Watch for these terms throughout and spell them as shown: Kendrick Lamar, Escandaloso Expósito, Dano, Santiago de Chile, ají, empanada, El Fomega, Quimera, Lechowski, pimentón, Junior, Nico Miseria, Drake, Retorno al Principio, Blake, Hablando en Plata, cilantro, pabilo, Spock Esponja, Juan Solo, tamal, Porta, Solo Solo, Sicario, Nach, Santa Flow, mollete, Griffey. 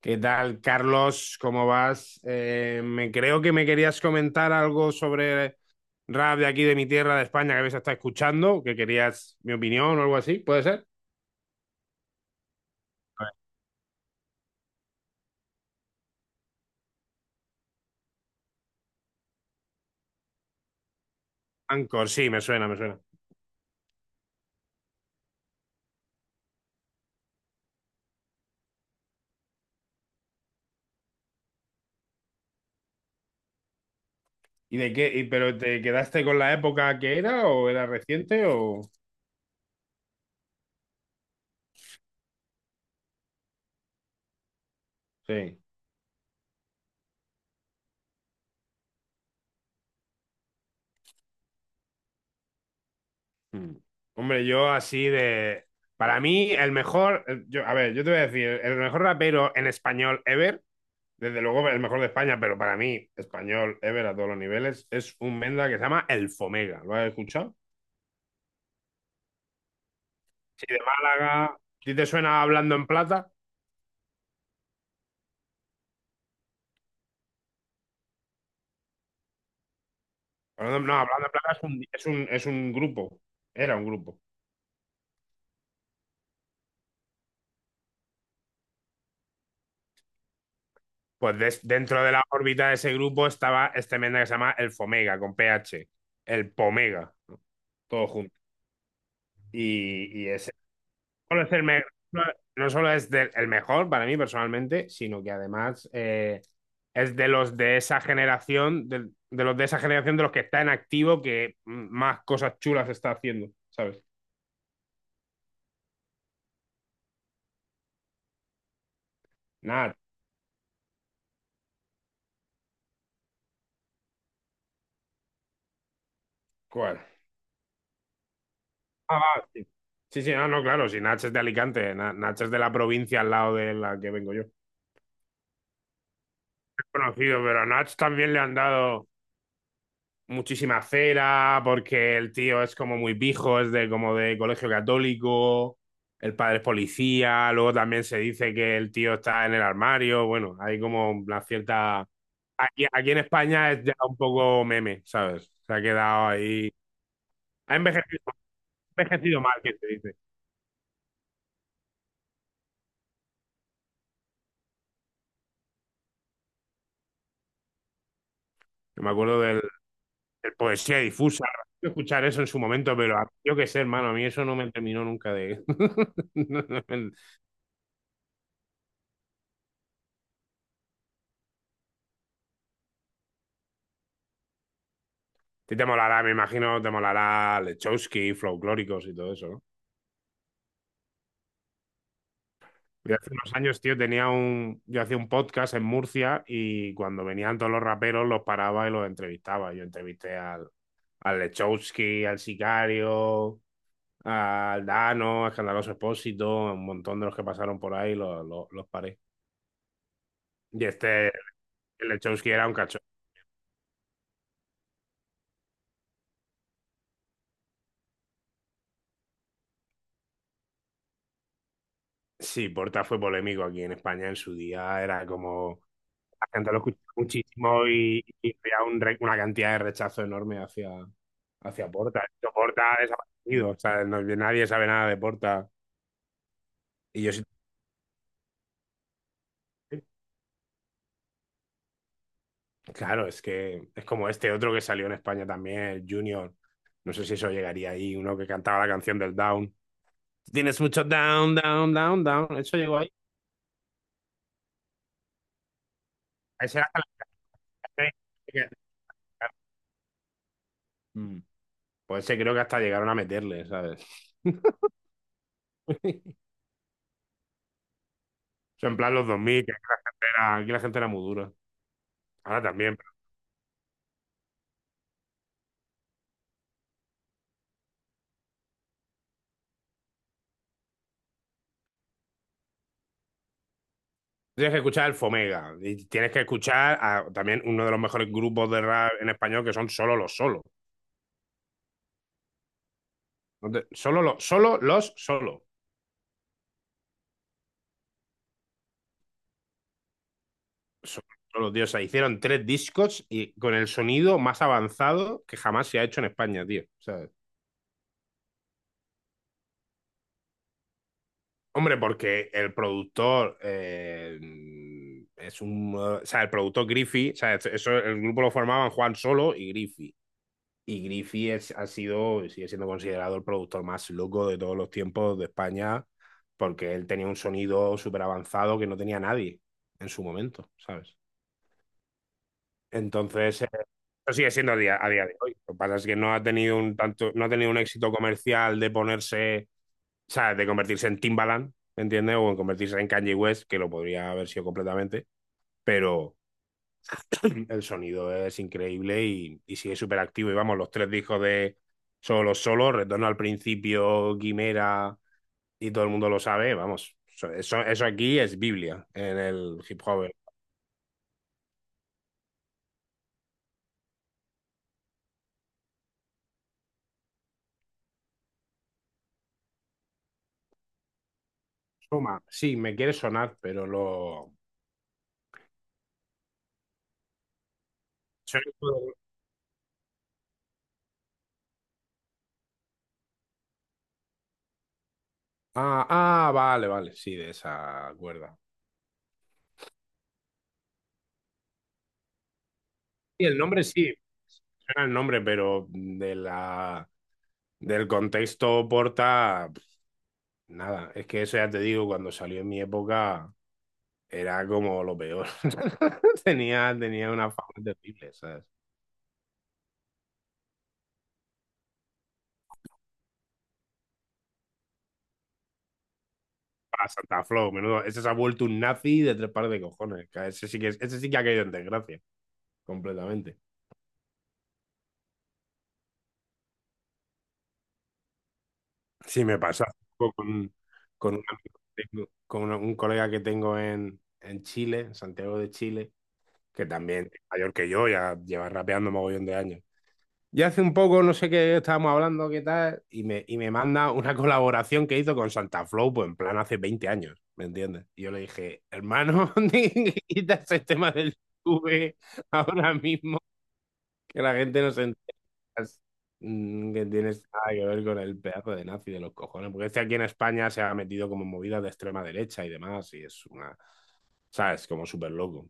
¿Qué tal, Carlos? ¿Cómo vas? Me creo que me querías comentar algo sobre rap de aquí de mi tierra, de España, que habéis estado escuchando, que querías mi opinión o algo así, ¿puede ser? Anchor, sí, me suena, me suena. ¿Y de qué? ¿Pero te quedaste con la época que era o era reciente o...? Sí. Mm. Hombre, yo así de... Para mí, el mejor... Yo, a ver, yo te voy a decir, el mejor rapero en español ever. Desde luego el mejor de España, pero para mí, español, ever a todos los niveles, es un Menda que se llama El Fomega. ¿Lo has escuchado? Si de Málaga, si te suena Hablando en Plata. No, Hablando en Plata es un grupo, era un grupo. Pues dentro de la órbita de ese grupo estaba este Menda que se llama El Fomega, con PH, El Pomega, todo junto. Y ese solo es el me- no no solo es el mejor para mí personalmente, sino que además es de los de esa generación, de los de esa generación de los que está en activo que más cosas chulas está haciendo, ¿sabes? Nat. ¿Cuál? Ah, va, sí. Sí, sí, no, no, claro, si Nach es de Alicante, Nach es de la provincia al lado de la que vengo yo. Conocido, pero a Nach también le han dado muchísima cera, porque el tío es como muy pijo, es de como de colegio católico, el padre es policía, luego también se dice que el tío está en el armario, bueno, hay como una cierta... Aquí en España es ya un poco meme, ¿sabes? Se ha quedado ahí... Ha envejecido, ha envejecido mal, que se dice. Yo me acuerdo del poesía difusa, de escuchar eso en su momento, pero yo qué sé, hermano, a mí eso no me terminó nunca de... ti te molará, me imagino, te molará Lechowski, Folclóricos y todo eso, ¿no? Yo hace unos años, tío, yo hacía un podcast en Murcia y cuando venían todos los raperos los paraba y los entrevistaba. Yo entrevisté al Lechowski, al Sicario, al Dano, a Escandaloso Expósito, un montón de los que pasaron por ahí los paré. Y este, el Lechowski era un cacho. Sí, Porta fue polémico aquí en España en su día, era como la gente lo escuchó muchísimo y había una cantidad de rechazo enorme hacia Porta. Esto Porta ha desaparecido, o sea, nadie sabe nada de Porta. Y yo sí, claro, es que es como este otro que salió en España también, el Junior. No sé si eso llegaría ahí, uno que cantaba la canción del Down. Tienes mucho down, down, down, down. Eso llegó ahí. Ese era hasta la- Pues ese creo que hasta llegaron a meterle, ¿sabes? O sea, en plan los 2000, que aquí la gente era muy dura. Ahora también, pero tienes que escuchar el Fomega. Y tienes que escuchar a, también uno de los mejores grupos de rap en español, que son Solo los Solos. Solo los solo los solo. Solo, solo, tío. O sea, hicieron tres discos y con el sonido más avanzado que jamás se ha hecho en España, tío. ¿Sabes? Hombre, porque el productor es un. O sea, el productor Griffey, o sea, eso, el grupo lo formaban Juan Solo y Griffey. Y Griffey es, ha sido, sigue siendo considerado el productor más loco de todos los tiempos de España, porque él tenía un sonido súper avanzado que no tenía nadie en su momento, ¿sabes? Entonces, eso sigue siendo a día de hoy. Lo que pasa es que no ha tenido un tanto, no ha tenido un éxito comercial de ponerse, o sea, de convertirse en Timbaland, ¿entiendes? O en convertirse en Kanye West, que lo podría haber sido completamente, pero el sonido es increíble y sigue súper activo. Y vamos, los tres discos de Solo Solo, Retorno al Principio, Quimera, y todo el mundo lo sabe, vamos, so, eso aquí es Biblia en el hip hop. Soma, sí, me quiere sonar, pero lo... Soy- Ah, ah, vale, vale, sí, de esa cuerda. Sí, el nombre sí, era el nombre, pero del contexto Porta, pf, nada. Es que eso ya te digo, cuando salió en mi época era como lo peor. Tenía una fama terrible, ¿sabes? Para Santa Flow, menudo. Ese se ha vuelto un nazi de tres pares de cojones, que ese sí que ha caído en desgracia, completamente. Sí, me pasa hace poco un amigo que tengo- con una- un colega que tengo en Chile, en Santiago de Chile, que también es mayor que yo, ya lleva rapeando mogollón de años. Y hace un poco, no sé qué estábamos hablando, qué tal, y me manda una colaboración que hizo con Santa Flow, pues en plan hace 20 años, ¿me entiendes? Y yo le dije, hermano, quita ese tema del YouTube ahora mismo, que la gente no se entera, que tienes nada que ver con el pedazo de nazi de los cojones, porque este aquí en España se ha metido como en movidas de extrema derecha y demás, y es una, ¿sabes? Como súper loco.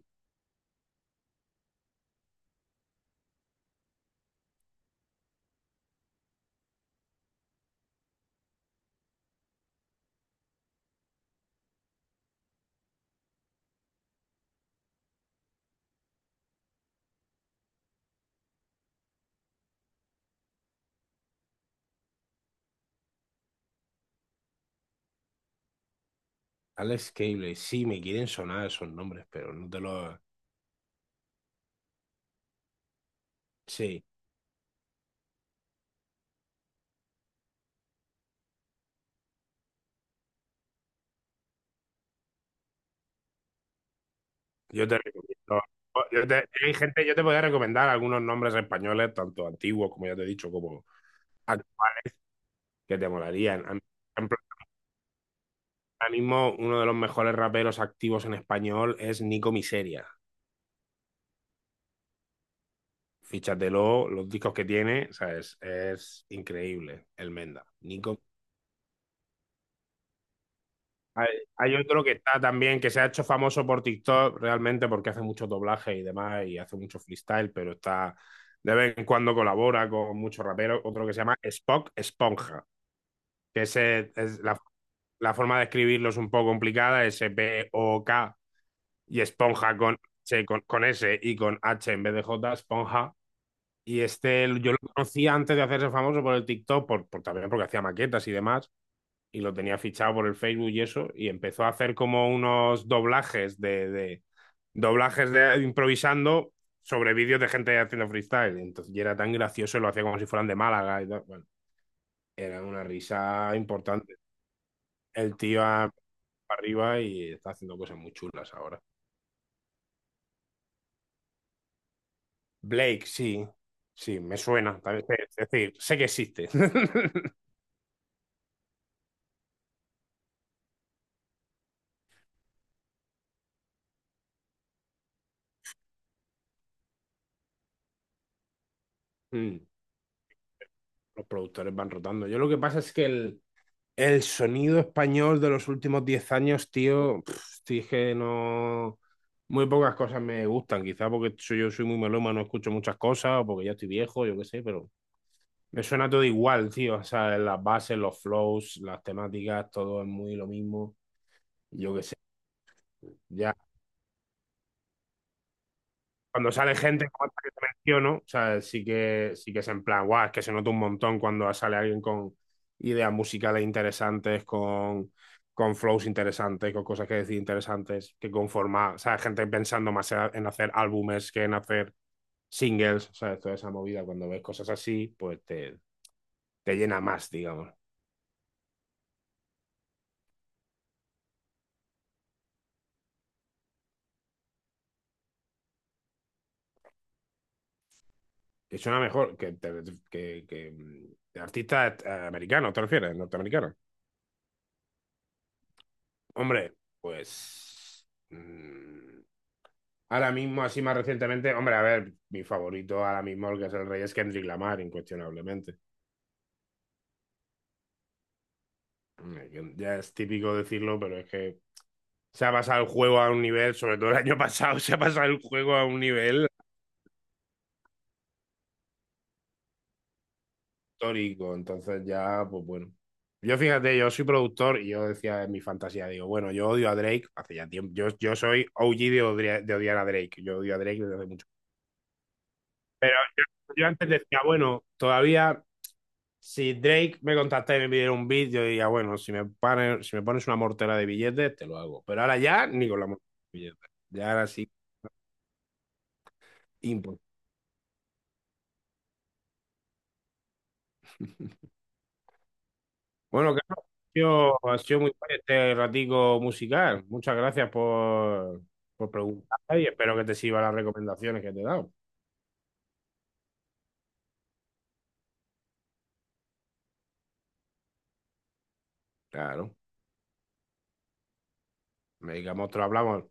Alex Cable, sí, me quieren sonar esos nombres, pero no te los... Sí, yo te recomiendo. Hay gente, yo te podría recomendar algunos nombres españoles, tanto antiguos, como ya te he dicho, como actuales, que te molarían. A mí, por ejemplo, ahora mismo uno de los mejores raperos activos en español es Nico Miseria. Fíchatelo, los discos que tiene, o sea, es increíble. El Menda. Nico. Hay, hay otro que está también, que se ha hecho famoso por TikTok realmente porque hace mucho doblaje y demás y hace mucho freestyle, pero está de vez en cuando colabora con muchos raperos. Otro que se llama Spock Esponja, que ese es la forma de escribirlo es un poco complicada, S-P-O-K y Esponja con, con S y con H en vez de J, Esponja. Y este yo lo conocía antes de hacerse famoso por el TikTok, también porque hacía maquetas y demás y lo tenía fichado por el Facebook y eso, y empezó a hacer como unos doblajes de doblajes de improvisando sobre vídeos de gente haciendo freestyle. Entonces, y era tan gracioso, lo hacía como si fueran de Málaga y tal. Bueno, era una risa importante. El tío para arriba y está haciendo cosas muy chulas ahora. Blake, sí, sí, me suena. También, es decir, sé que existe. Los productores van rotando. Yo lo que pasa es que el sonido español de los últimos 10 años, tío, pf, tío, es que no. Muy pocas cosas me gustan, quizá porque yo soy muy melómano, no escucho muchas cosas, o porque ya estoy viejo, yo qué sé, pero me suena todo igual, tío. O sea, las bases, los flows, las temáticas, todo es muy lo mismo. Yo qué sé. Ya. Cuando sale gente como esta que te menciono, o sea, sí que es en plan, guau, es que se nota un montón cuando sale alguien con ideas musicales interesantes, con flows interesantes, con cosas que decir interesantes, que conforma, o sea, gente pensando más en hacer álbumes que en hacer singles, o sea, toda esa movida, cuando ves cosas así, pues te llena más, digamos. Y suena mejor que de artistas americanos, ¿te refieres? Norteamericanos. Hombre, pues... Ahora mismo, así más recientemente, hombre, a ver, mi favorito ahora mismo, el que es el rey, es Kendrick Lamar, incuestionablemente. Ya es típico decirlo, pero es que se ha pasado el juego a un nivel, sobre todo el año pasado, se ha pasado el juego a un nivel histórico. Entonces ya, pues bueno. Yo fíjate, yo soy productor y yo decía en mi fantasía, digo, bueno, yo odio a Drake hace ya tiempo. Yo soy OG de odiar a Drake. Yo odio a Drake desde hace mucho. Yo antes decía, bueno, todavía si Drake me contacta y me pidiera un beat, yo diría, bueno, si me pones una mortera de billetes, te lo hago. Pero ahora ya ni con la mortera de billetes. Ya ahora sí, imposible. Bueno, Carlos, ha sido muy guay este ratico musical. Muchas gracias por preguntar y espero que te sirvan las recomendaciones que te he dado. Claro, me digamos, te lo hablamos.